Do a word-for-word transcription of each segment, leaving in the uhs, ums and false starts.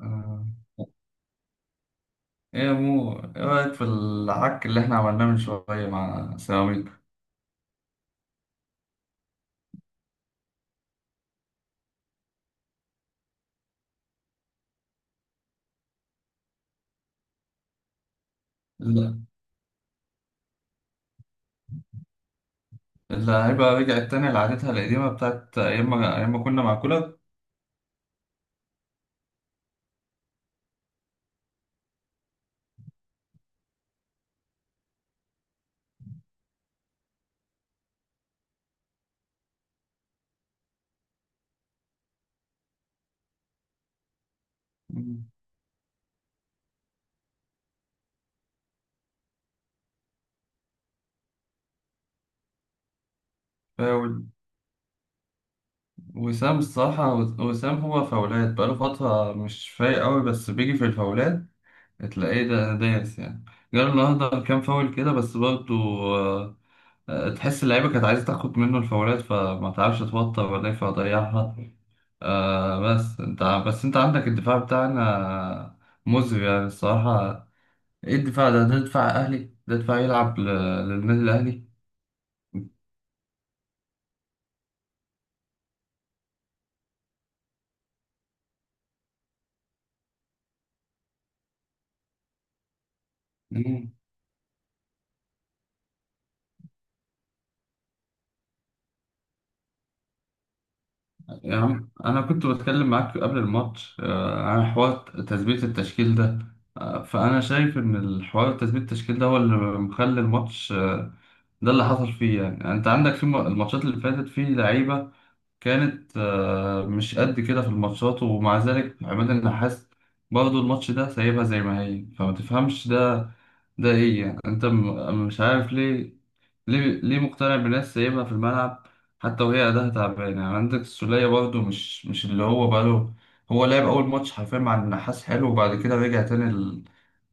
آه. ايه يا مو، ايه رأيك في العك اللي احنا عملناه من شوية مع سيراميكا؟ الل- اللعيبة رجعت تاني لعادتها القديمة بتاعت أيام ما أيام ما كنا مع كولر. مم. فاول. وسام الصراحة، وسام هو فاولات بقاله فترة مش فايق أوي، بس بيجي في الفاولات تلاقيه ده دايس يعني. جاله النهاردة كام فاول كده، بس برضه آه، تحس اللعيبة كانت عايزة تاخد منه الفاولات، فما تعرفش توتر ولا إيه فضيعها. آه، بس انت بس انت عندك الدفاع بتاعنا مزري يعني الصراحة. ايه الدفاع ده؟ ده دفاع اهلي؟ ده دفاع يلعب ل- للنادي الاهلي؟ مم. يا عم، انا كنت بتكلم معاك قبل الماتش آه، عن حوار تثبيت التشكيل ده. آه، فانا شايف ان الحوار تثبيت التشكيل ده هو اللي مخلي الماتش آه، ده اللي حصل فيه. يعني يعني انت عندك في الم- الماتشات اللي فاتت في لعيبة كانت آه، مش قد كده في الماتشات، ومع ذلك عماد النحاس برضه الماتش ده سايبها زي ما هي. فما تفهمش ده، ده ايه يعني؟ انت م- مش عارف ليه، ليه ليه مقتنع بناس سايبها في الملعب حتى وهي اداها تعبان. يعني عندك السولية برضه مش مش اللي هو بقاله، هو لعب اول ماتش حرفيا مع النحاس حلو، وبعد كده رجع تاني ال-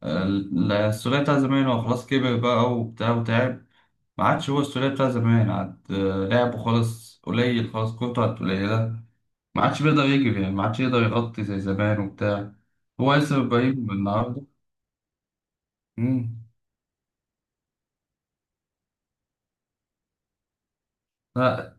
ال- السولية بتاع زمان. هو خلاص كبر بقى وبتاع وتعب، ما عادش هو السولية بتاع زمان. عاد آه، لعبه خلاص قليل، خلاص كورته عاد قليلة، ما عادش بيقدر يجري يعني، ما عادش يقدر يغطي زي زمان وبتاع. هو لسه ابراهيم النهارده. مم. لا،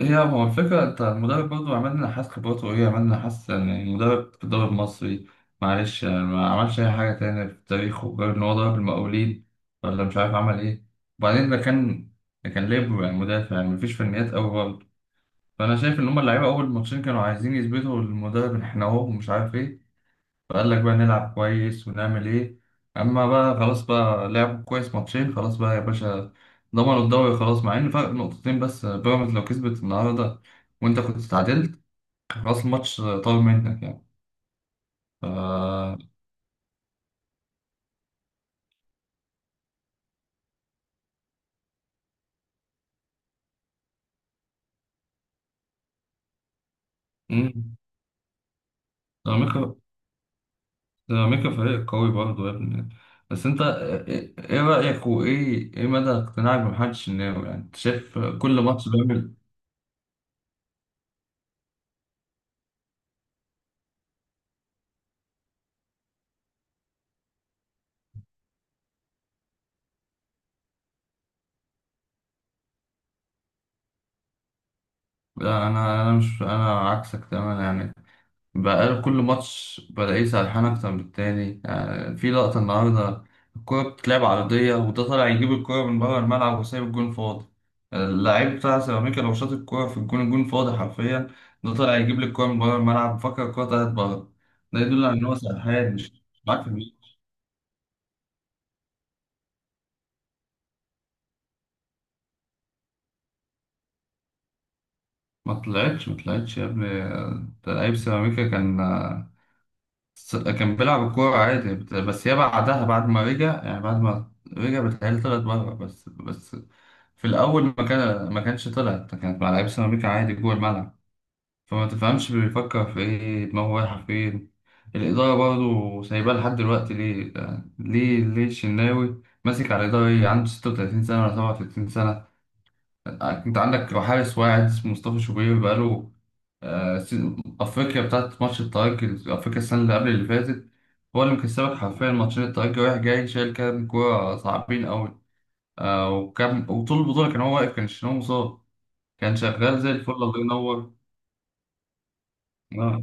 هي هو الفكرة انت المدرب برضه عمل لنا حاسس خبراته ايه، عمل لنا حاسس يعني المدرب في الدوري المصري معلش يعني، ما عملش أي حاجة تانية في تاريخه غير إن هو ضرب المقاولين، ولا مش عارف عمل ايه. وبعدين ده كان ده كان ليبرو يعني، مدافع يعني، مفيش فنيات أوي برضه. فأنا شايف إن هما اللعيبة أول ماتشين كانوا عايزين يثبتوا للمدرب إن إحنا أهو ومش عارف ايه، فقال لك بقى نلعب كويس ونعمل ايه. اما بقى خلاص، بقى لعبوا كويس ماتشين، خلاص بقى يا باشا، ضمنوا الدوري خلاص، مع ان فرق نقطتين بس، بيراميدز لو كسبت النهارده وانت كنت اتعادلت، خلاص الماتش طار منك يعني. ف مم. سيراميكا، سيراميكا فريق قوي برضه يا ابني. بس انت ايه، إيه رأيك وايه ايه مدى اقتناعك بمحمد الشناوي يعني؟ انت شايف كل ماتش بيعمل. لا، انا انا مش انا عكسك تماما يعني، بقى كل ماتش بلاقيه سرحان أكتر من التاني. يعني في لقطة النهاردة الكورة بتتلعب عرضية، وده طالع يجيب الكورة من بره الملعب وسايب الجون فاضي. اللاعب بتاع سيراميكا لو شاط الكورة في الجون، الجون فاضي حرفيا. ده طالع يجيب لي الكورة من بره الملعب، فكر الكورة طلعت بره. ده يدل على إن هو سرحان مش مش معاك في المية. ما طلعتش ما طلعتش يا ابني. ده لعيب سيراميكا كان س- كان بيلعب الكورة عادي بت- بس يا بعدها، بعد ما رجع يعني، بعد ما رجع بتهيألي طلعت بره بس بس. في الأول ما كان ما كانش طلعت، كانت مع لعيبة سيراميكا عادي جوه الملعب، فما تفهمش بيفكر في إيه، دماغه رايحة فين. الإدارة برضه سايباه لحد دلوقتي ليه يعني؟ ليه ليه الشناوي ماسك على الإدارة؟ إيه، عنده ستة وثلاثين سنة ولا سبعة وثلاثين سنة؟ آه، أنت عندك حارس واحد اسمه مصطفى شوبير بقاله آه، سي- أفريقيا بتاعت ماتش الترجي، أفريقيا السنة اللي قبل اللي فاتت هو اللي مكسبك حرفيا ماتشين، الترجي رايح جاي شايل كام كورة صعبين أوي. آه، وكان وطول البطولة كان هو واقف، كان الشناوي مصاب، كان شغال زي الفل، الله ينور. آه.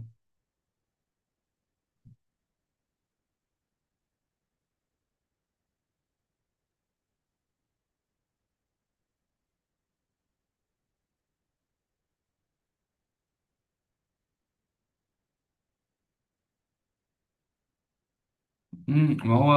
مم، ما هو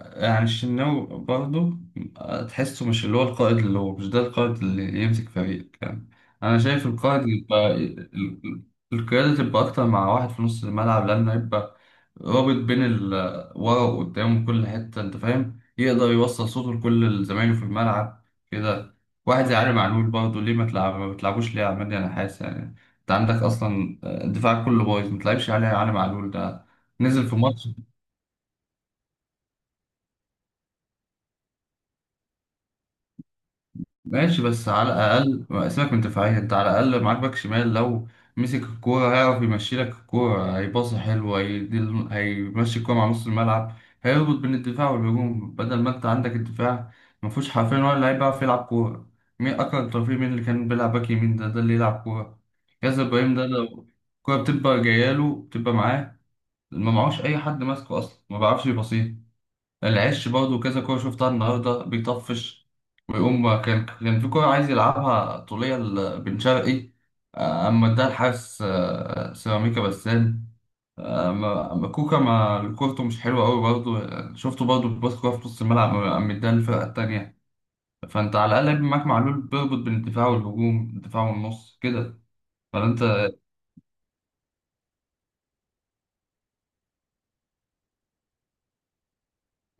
يعني الشناوي برضه آه، تحسه مش اللي هو القائد، اللي هو مش ده القائد اللي يمسك فريق يعني. أنا شايف القائد يبقى ال- ال- القيادة تبقى أكتر مع واحد في نص الملعب، لأنه يبقى رابط بين ال- ورا وقدام وكل حتة أنت فاهم، يقدر يوصل صوته لكل زمايله في الملعب كده. واحد زي علي معلول برضه، ليه ما تلعب، ما بتلعبوش ليه يا عماد؟ أنا حاسس يعني أنت عندك أصلا الدفاع كله بايظ، ما تلعبش علي علي معلول ده؟ نزل في ماتش ماشي، بس على الأقل ما سيبك من دفاعية، أنت على الأقل معاك باك شمال لو مسك الكورة هيعرف يمشي لك الكورة، هيباص حلو، هيدي هيمشي الكورة مع نص الملعب، هيربط بين الدفاع والهجوم، بدل ما أنت عندك الدفاع ما فيهوش حرفيا ولا لعيب بيعرف يلعب كورة. مين أكرم توفيق؟ مين اللي كان بيلعب باك يمين ده ده اللي يلعب كورة؟ ياسر إبراهيم ده لو الكورة بتبقى جاية له بتبقى معاه، ما معهوش أي حد ماسكه أصلا ما بيعرفش يباصيها. العش برضه كذا كورة شفتها النهاردة بيطفش، ويقوم كان كان في كورة عايز يلعبها طولية لبن شرقي آه، أما اداها الحارس آه، سيراميكا بسام. آه، أما أما كوكا ما كورته مش حلوة أوي برضه، آه، شفته برضه بيباص كورة في نص الملعب، أما اداها للفرقة التانية. فأنت على الأقل بيبقى معاك معلول، بيربط بين الدفاع والهجوم، الدفاع والنص كده. فأنت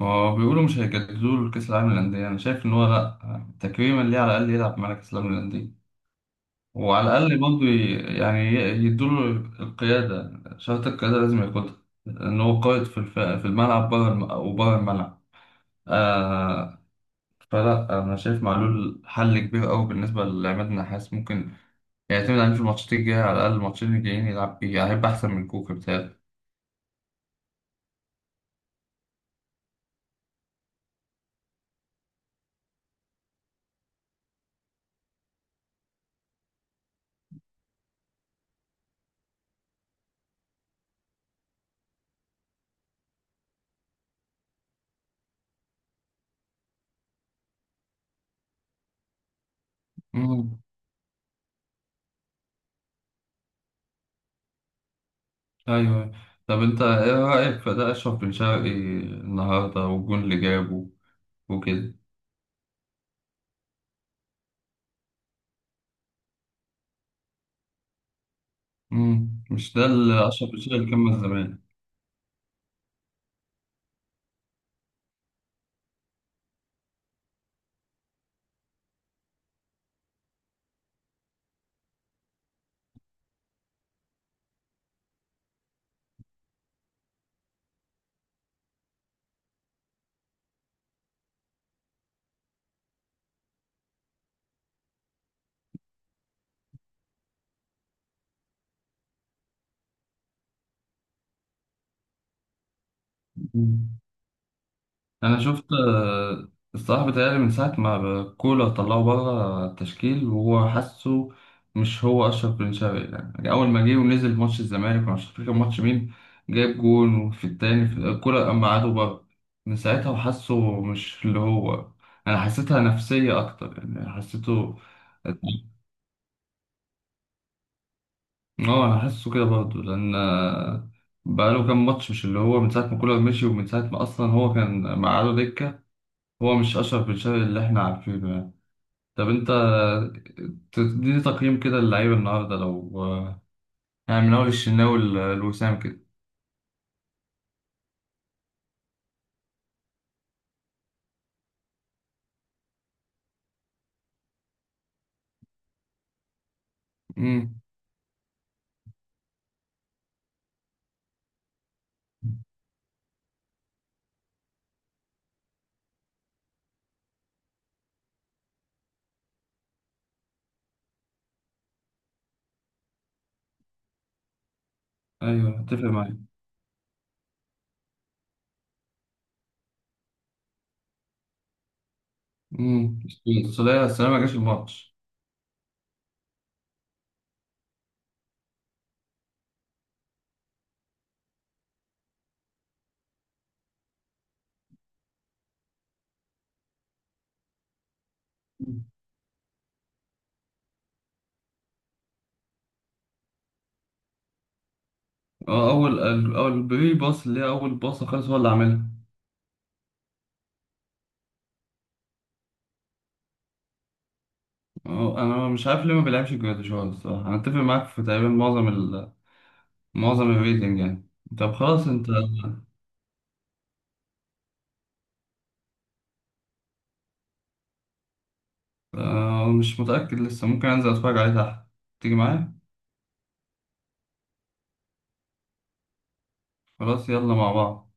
ما هو بيقولوا مش هيجددوا له كأس العالم للأندية، أنا شايف إن هو لأ. آه، تكريما ليه على الأقل يلعب مع كأس العالم للأندية، وعلى الأقل برضه ي- يعني ي- يدوله القيادة. شرط القيادة لازم ياخدها، إن هو قائد في الف... في الملعب بره الم... وبره الملعب آه. فلا، أنا شايف معلول حل كبير أوي بالنسبة لعماد النحاس، ممكن يعتمد عليه في الماتشات الجاية، على الأقل الماتشين الجايين يلعب بيه يعني، هيبقى أحسن من كوكا بتاعي. أمم، أيوه. طب أنت إيه رأيك في ده أشرف بن شرقي النهاردة والجون اللي جابه وكده؟ أمم، مش ده اللي أشرف بن شرقي كمل زمان. انا شفت آه، الصراحه بيتهيألي من ساعه ما كولر طلعه بره التشكيل وهو حاسه مش هو اشرف بن شرقي. يعني اول ما جه ونزل في ماتش الزمالك ومش فاكر كان ماتش مين جايب جون، وفي التاني في كولر قام قعده بره، من ساعتها وحاسه مش اللي هو، انا حسيتها نفسيه اكتر يعني حسيته. اه انا حاسه كده برضه لان آه، بقاله كام ماتش مش اللي هو من ساعه ما كولر مشي، ومن ساعه ما اصلا هو كان مقعده دكه، هو مش اشرف بن شرقي اللي احنا عارفينه. طب انت تديني تقييم كده للعيبة النهاردة لو، يعني من أول الشناوي ل- لوسام كده؟ امم، أيوه أتفق معاك. امم، السولية، السولية ما جاش الماتش. مم. هو أول ال- أول البري باص، اللي هي أول باص خالص هو اللي عاملها. هو أنا مش عارف ليه ما بيلعبش جراديشار الصراحة. أنا أتفق معاك في تقريبا معظم ال... معظم الريتنج يعني. طب خلاص أنت آه، مش متأكد لسه، ممكن أنزل أتفرج عليه تحت. تيجي معايا؟ خلاص يلا مع بعض.